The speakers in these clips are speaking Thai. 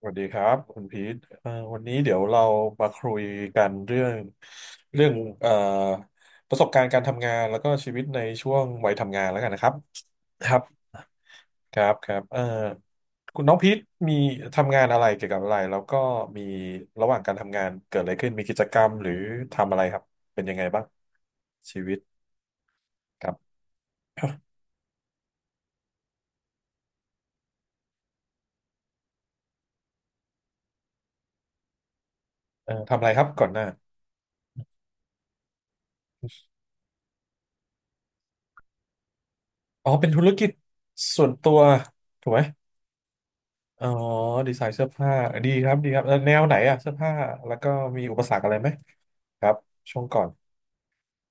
สวัสดีครับคุณพีทวันนี้เดี๋ยวเรามาคุยกันเรื่องเอ่อประสบการณ์การทำงานแล้วก็ชีวิตในช่วงวัยทำงานแล้วกันนะครับครับครับครับคุณน้องพีทมีทำงานอะไรเกี่ยวกับอะไรแล้วก็มีระหว่างการทำงานเกิดอะไรขึ้นมีกิจกรรมหรือทำอะไรครับเป็นยังไงบ้างชีวิตครับทำอะไรครับก่อนหน้าอ๋อเป็นธุรกิจส่วนตัวถูกไหม อ๋อดีไซน์เสื้อผ้าดีครับดีครับแนวไหนอะเสื้อผ้าแล้วก็มีอุปสรรคอะไรไหมครับช่วงก่อน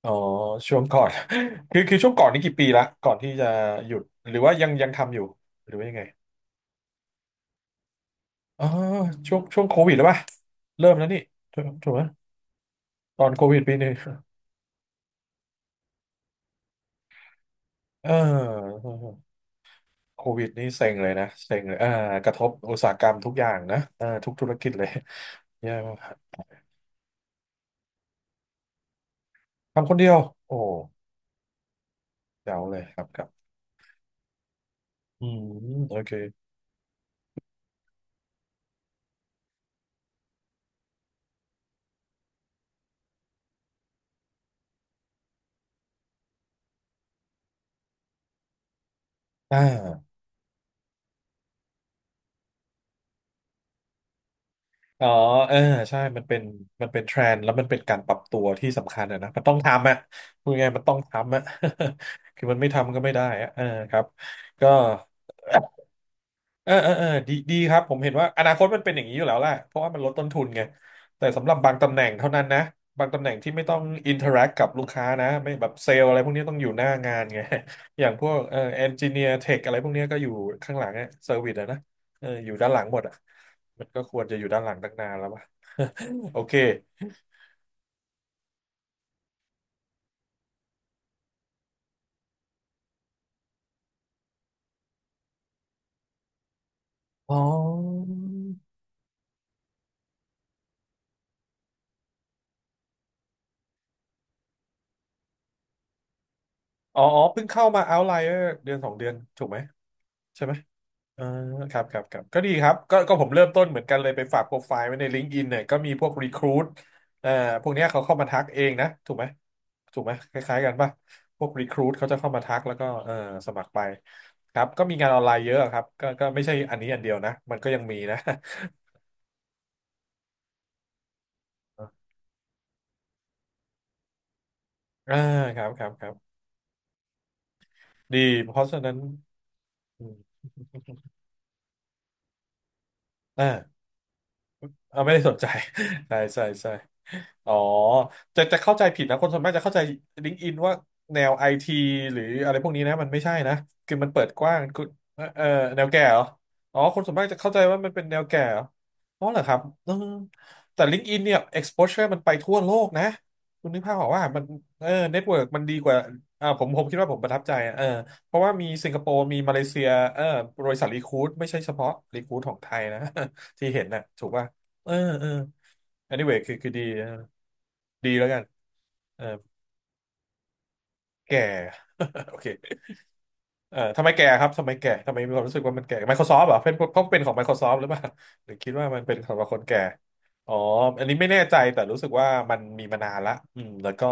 อ๋อช่วงก่อน คือช่วงก่อนนี่กี่ปีละก่อนที่จะหยุดหรือว่ายังยังทำอยู่หรือว่ายังไงอ๋อช่วงโควิดหรือเปล่าเริ่มแล้วนี่ถูกไหมตอนโควิด1 ปีเออโควิดนี่เซ็งเลยนะเซ็งเลยอ่ากระทบอุตสาหกรรมทุกอย่างนะอ่าทุกธุรกิจเลย แย่มากทำคนเดียวโอ้เจ๋วเลยครับครับอืมโอเค อ่าอ๋อเออใช่มันเป็นเทรนด์แล้วมันเป็นการปรับตัวที่สำคัญอะนะมันต้องทำอะพูดง่ายๆมันต้องทำอะ คือมันไม่ทำก็ไม่ได้อะเออครับก็ดีดีครับผมเห็นว่าอนาคตมันเป็นอย่างนี้อยู่แล้วแหละเพราะว่ามันลดต้นทุนไงแต่สำหรับบางตำแหน่งเท่านั้นนะบางตำแหน่งที่ไม่ต้องอินเทอร์แอคกับลูกค้านะไม่แบบเซลล์อะไรพวกนี้ต้องอยู่หน้างานไง อย่างพวกเอนจิเนียร์เทคอะไรพวกนี้ก็อยู่ข้างหลังอะเซอร์วิสอะนะเอออยู่ด้านหลังหมดอะมันก็ควรจะอยู่ด้านหลังตั้งนานแล้ววะ โอเคอ๋ออ๋ออ๋อเพิ่งเข้ามา Outlier 1-2 เดือนถูกไหมใช่ไหม อ่าครับครับครับก็ดีครับก็ผมเริ่มต้นเหมือนกันเลยไปฝากโปรไฟล์ไว้ใน LinkedIn เนี่ยก็มีพวก Recruit เอ่อพวกเนี้ยเขาเข้ามาทักเองนะถูกไหมถูกไหมคล้ายๆกันป่ะพวก Recruit เขาจะเข้ามาทักแล้วก็สมัครไปครับก็มีงานออนไลน์เยอะครับก็ไม่ใช่อันนี้อันเดียวนะมันก็ยังมีนะ อ่าครับครับครับดีเพราะฉะนั้นอืม อ่าเอาไม่ได้สนใจ ใช่ใช่ใช่ อ๋อจะเข้าใจผิดนะคนส่วนมากจะเข้าใจ LinkedIn ว่าแนวไอทีหรืออะไรพวกนี้นะมันไม่ใช่นะคือมันเปิดกว้างคุณเออเออแนวแก่เหรออ๋อคนส่วนมากจะเข้าใจว่ามันเป็นแนวแก่เหรออ๋อเหรอครับเออแต่ LinkedIn เนี่ย exposure มันไปทั่วโลกนะคุณนึกภาพออกว่ามันเออเน็ตเวิร์กมันดีกว่าอ่าผมคิดว่าผมประทับใจอะเออเพราะว่ามีสิงคโปร์มีมาเลเซียเออบริษัทรีคูดไม่ใช่เฉพาะรีคูดของไทยนะ ที่เห็นน่ะถูกป่ะเออเออ anyway คือดี ดีแล้วกันเออแก่ โอเคทำไมแก่ครับทำไมแก่ทำไมมีความรู้สึกว่ามันแก่ Microsoft เหรอเป็นเขาเป็นของ Microsoft หรือเปล่า หรือคิดว่ามันเป็นของคนแก่อ๋ออันนี้ไม่แน่ใจแต่รู้สึกว่ามันมีมานานละอืมแล้วก็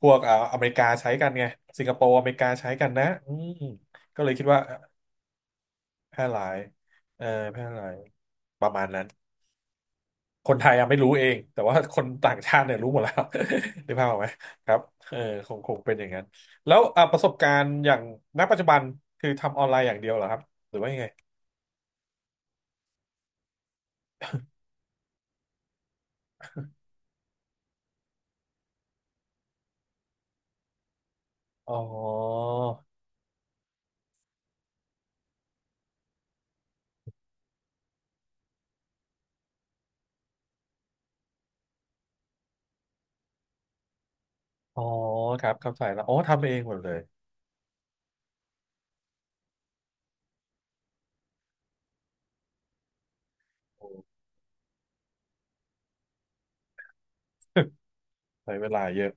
พวกอเมริกาใช้กันไงสิงคโปร์อเมริกาใช้กันนะอืมก็เลยคิดว่าแพร่หลายเออแพร่หลายประมาณนั้น คนไทยยังไม่รู้เองแต่ว่าคนต่างชาติเนี่ยรู้หมดแล้ว นึกภาพออกไหมครับเออคงคงเป็นอย่างนั้นแล้วอ่ะประสบการณ์อย่างณปัจจุบันคือทำออนไลน์อย่างเดียวเหรอครับหรือว่ายังไงอ๋ออ๋อครับเข้าใจแล้วอ๋อทำเองหมดเลยโอ้ ใช้เวลาเยอะ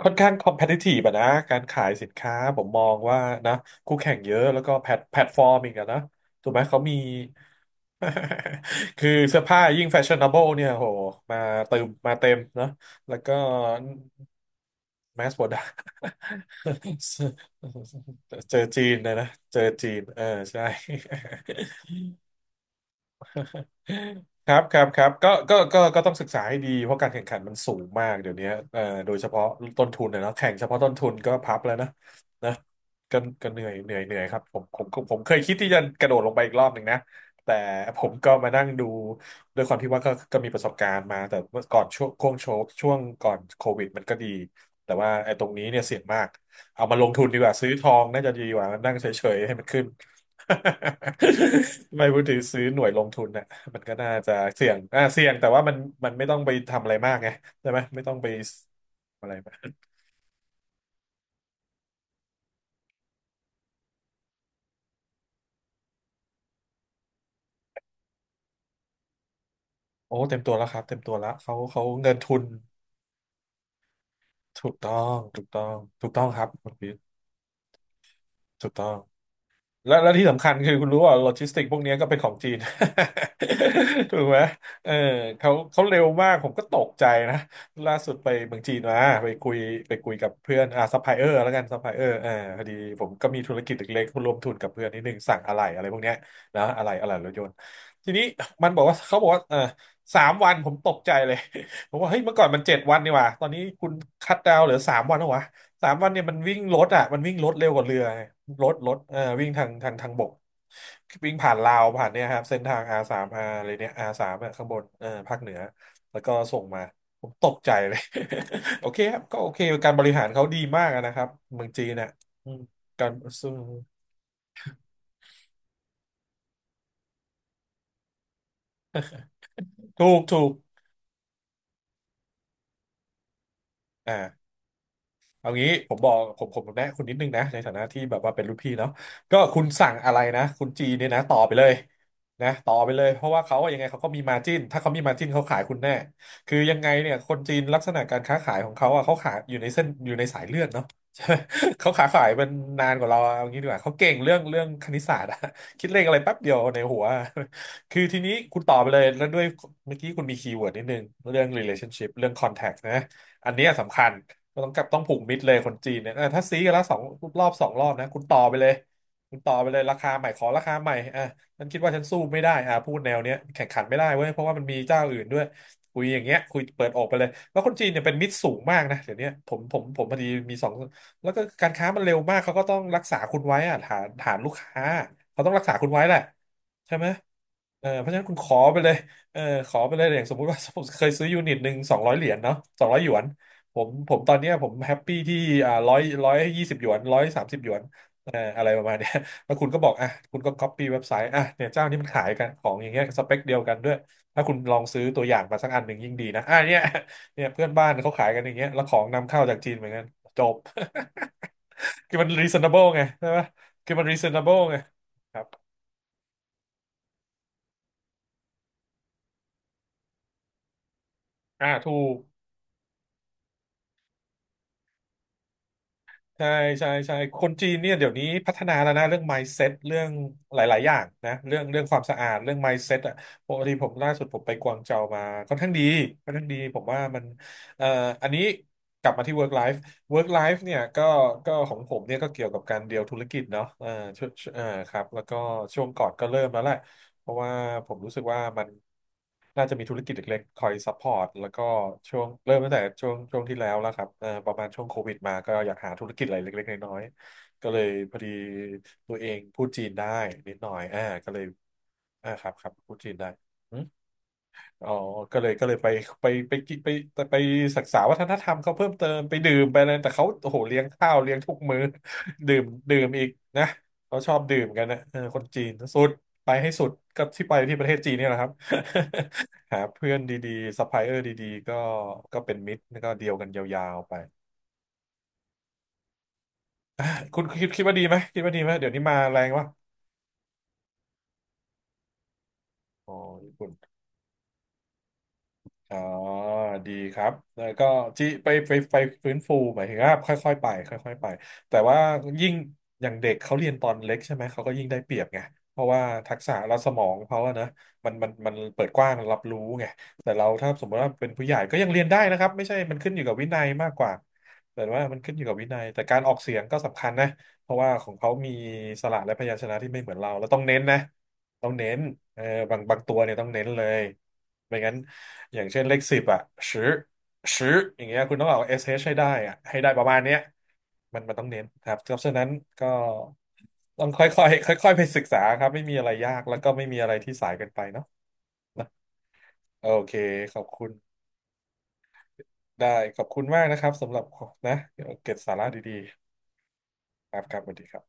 ค่อนข้างคอมเพ t i ิ i v e อะนะ การขายสินค้า ผมมองว่านะ คู่แข่งเยอะ แล้วก็แพลตฟอร์มอีกอะนะ ถูกไหมเขามี คือเสื้อผ้ายิ่งแฟชั่น n a b l e เนี่ยโหมาเติมมาเต็มเนอะแล้วก็ mass product เจอจีนนะนะ เจอจีน เออใช่ ครับครับครับก็ต้องศึกษาให้ดีเพราะการแข่งขันมันสูงมากเดี๋ยวนี้โดยเฉพาะต้นทุนนะเนาะแข่งเฉพาะต้นทุนก็พับแล้วนะนะก็เหนื่อยครับผมเคยคิดที่จะกระโดดลงไปอีกรอบหนึ่งนะแต่ผมก็มานั่งดูด้วยความที่ว่าก็มีประสบการณ์มาแต่เมื่อก่อนช่วงก่อนโควิดมันก็ดีแต่ว่าไอ้ตรงนี้เนี่ยเสี่ยงมากเอามาลงทุนดีกว่าซื้อทองน่าจะดีกว่านั่งเฉยๆให้มันขึ้น ไม่พูดถึงซื้อหน่วยลงทุนนะ มันก็น่าจะเสี่ยงเสี่ยงแต่ว่ามันไม่ต้องไปทำอะไรมากไงใช่ไหม ไม่ต้องไปอะไรมากโอ้เต็มตัวแล้วครับเต็มตัวแล้วเขาเงินทุนถูกต้อง ถูกต้องถูกต้องครับคุณพีทถูกต้อง แล้วและที่สำคัญคือคุณรู้ว่าโลจิสติกพวกเนี้ยก็เป็นของจีน ถูกไหมเออเขาเร็วมากผมก็ตกใจนะล่าสุดไปเมืองจีนมาไปคุยไปคุยกับเพื่อนซัพพลายเออร์แล้วกันซัพพลายเออร์อ่าพอดีผมก็มีธุรกิจเล็กๆร่วมทุนกับเพื่อนนิดนึงสั่งอะไหล่อะไรพวกเนี้ยนะอะไหล่รถยนต์ทีนี้มันบอกว่าเขาบอกว่าเออสามวันผมตกใจเลย ผมว่าเฮ้ยเมื่อก่อนมันเจ็ดวันนี่หว่าตอนนี้คุณคัตดาวน์เหลือสามวันแล้ววะ สามวันเนี่ยมันวิ่งรถอ่ะมันวิ่งรถเร็วกว่าเรือไงรถเออวิ่งทางบกวิ่งผ่านลาวผ่านเนี่ยครับเส้นทาง R สาม R อะไรเนี่ย R สามอะข้างบนเออภาคเหนือแล้วก็ส่งมาผมตกใจเลย โอเคครับก็โอเคการบริหารเขาดีมากอะนะครับเมืองจีนน่ะอืมการซึ่งถูกถูกอ่า เอางี้ผมบอกผมแนะคุณนิดนึงนะในฐานะที่แบบว่าเป็นรุ่นพี่เนาะก็คุณสั่งอะไรนะคุณจีเนี่ยนะต่อไปเลยนะต่อไปเลยเพราะว่าเขาอะยังไงเขาก็มีมาจิ้นถ้าเขามีมาจิ้นเขาขายคุณแน่คือยังไงเนี่ยคนจีนลักษณะการค้าขายของเขาอ่ะเขาขายอยู่ในเส้นอยู่ในสายเลือดเนาะ ใช่ไหมเขาขาขายมันนานกว่าเราอะเอางี้ดีกว่าเขาเก่งเรื่องคณิตศาสตร์อะคิดเลขอะไรแป๊บเดียวในหัวคือทีนี้คุณต่อไปเลยแล้วด้วยเมื่อกี้คุณมีคีย์เวิร์ดนิดนึงเรื่อง relationship เรื่อง contact นะอันเนี้ยสำคัญ ก็ต้องกลับต้องผูกมิดเลยคนจีนเนี่ยเออถ้าซื้อกันละสองรอบสองรอบนะคุณต่อไปเลยคุณต่อไปเลยราคาใหม่ขอราคาใหม่อ่ะฉันคิดว่าฉันสู้ไม่ได้อ่ะพูดแนวเนี้ยแข่งขันไม่ได้เว้ยเพราะว่ามันมีเจ้าอื่นด้วยคุยอย่างเงี้ยคุยเปิดอกไปเลยแล้วคนจีนเนี่ยเป็นมิตรสูงมากนะเดี๋ยวเนี้ยผมพอดีมีสองแล้วก็การค้ามันเร็วมากเขาก็ต้องรักษาคุณไว้อ่ะฐานลูกค้าเขาต้องรักษาคุณไว้แหละใช่ไหมเออเพราะฉะนั้นคุณขอไปเลยเออขอไปเลยอย่างสมมุติว่าผมเคยซื้อยูนิตหนึ่งสองร้อยเหรียญเนาะสองร้อยหยวน ผมตอนเนี้ยผมแฮปปี้ที่อ่าร้อยยี่สิบหยวนร้อยสามสิบหยวนอะไรประมาณเนี้ย แล้วคุณก็บอกอ่ะคุณก็ c o อปปี้เว็บไซต์อ่ะเนี่ยเจ้านี้มันขายกันของอย่างเงี้ยสเปคเดียวกันด้วยถ้าคุณลองซื้อตัวอย่างมาสักอันหนึ่งยิ่งดีนะอ่ะเนี่ย เนี่ยเพื่อนบ้านเขาขายกันอย่างเงี้ยแล้วของนำเข้าจากจีนเหมือนกันจบ คือมัน reasonable ไงใช่ไหมคือมัน reasonable ไงครับอ่าถูก ใช่ใช่ใช่คนจีนเนี่ยเดี๋ยวนี้พัฒนาแล้วนะเรื่อง mindset เรื่องหลายๆอย่างนะเรื่องความสะอาดเรื่อง mindset อ่ะปกติผมล่าสุดผมไปกวางเจามาค่อนข้างดีค่อนข้างดีผมว่ามันเอ่ออันนี้กลับมาที่ work life work life เนี่ยก็ก็ของผมเนี่ยก็เกี่ยวกับการเดียวธุรกิจเนาะช่วงครับแล้วก็ช่วงก่อนก็เริ่มแล้วแหละ เพราะว่าผมรู้สึกว่ามันน่าจะมีธุรกิจเล็กๆคอยซัพพอร์ตแล้วก็ช่วงเริ่มตั้งแต่ช่วงที่แล้วแล้วครับประมาณช่วงโควิดมาก็อยากหาธุรกิจอะไรเล็กๆน้อยๆก็เลยพอดีตัวเองพูดจีนได้นิดหน่อยก็เลยอ่าครับครับพูดจีนได้ อ๋อก็เลยไปไปกินไปศึกษาวัฒนธรรมเขาเพิ่มเติมไปดื่มไปอะไรแต่เขาโอ้โหเลี้ยงข้าวเลี้ยงทุกมื้อ ดื่มดื่มอีกนะเขาชอบดื่มกันนะเออคนจีนสุดไปให้สุดก็ที่ไปที่ประเทศจีนเนี่ยแหละครับ หาเพื่อนดีๆซัพพลายเออร์ดีๆก็ก็เป็นมิตรแล้วก็เดียวกันยาวๆไปคุณคิดคิดว่าดีไหมคิดว่าดีไหมเดี๋ยวนี้มาแรงวะอ๋อญี่ปุ่น อ๋อดีครับแล้วก็ที่ไปฟื้นฟูหมายถึงว่าค่อยๆไปค่อยๆไปแต่ว่ายิ่งอย่างเด็กเขาเรียนตอนเล็กใช่ไหมเขาก็ยิ่งได้เปรียบไงเพราะว่าทักษะและสมองเขาอะนะมันเปิดกว้างรับรู้ไงแต่เราถ้าสมมติว่าเป็นผู้ใหญ่ก็ยังเรียนได้นะครับไม่ใช่มันขึ้นอยู่กับวินัยมากกว่าแต่ว่ามันขึ้นอยู่กับวินัยแต่การออกเสียงก็สำคัญนะเพราะว่าของเขามีสระและพยัญชนะที่ไม่เหมือนเราแล้วต้องเน้นนะต้องเน้นเออบางตัวเนี่ยต้องเน้นเลยไม่งั้น อย่างเช่นเลขสิบอ่ะชื้อชื้ออย่างเงี้ยคุณต้องเอา SH ให้ได้อ่ะให้ได้ประมาณเนี้ยมันต้องเน้นครับเพราะฉะนั้นก็ต้องค่อยๆค่อยๆไปศึกษาครับไม่มีอะไรยากแล้วก็ไม่มีอะไรที่สายเกินไปเนาะโอเคขอบคุณได้ขอบคุณมากนะครับสำหรับนะเดี๋ยวเก็บสาระดีๆครับครับสวัสดีครับ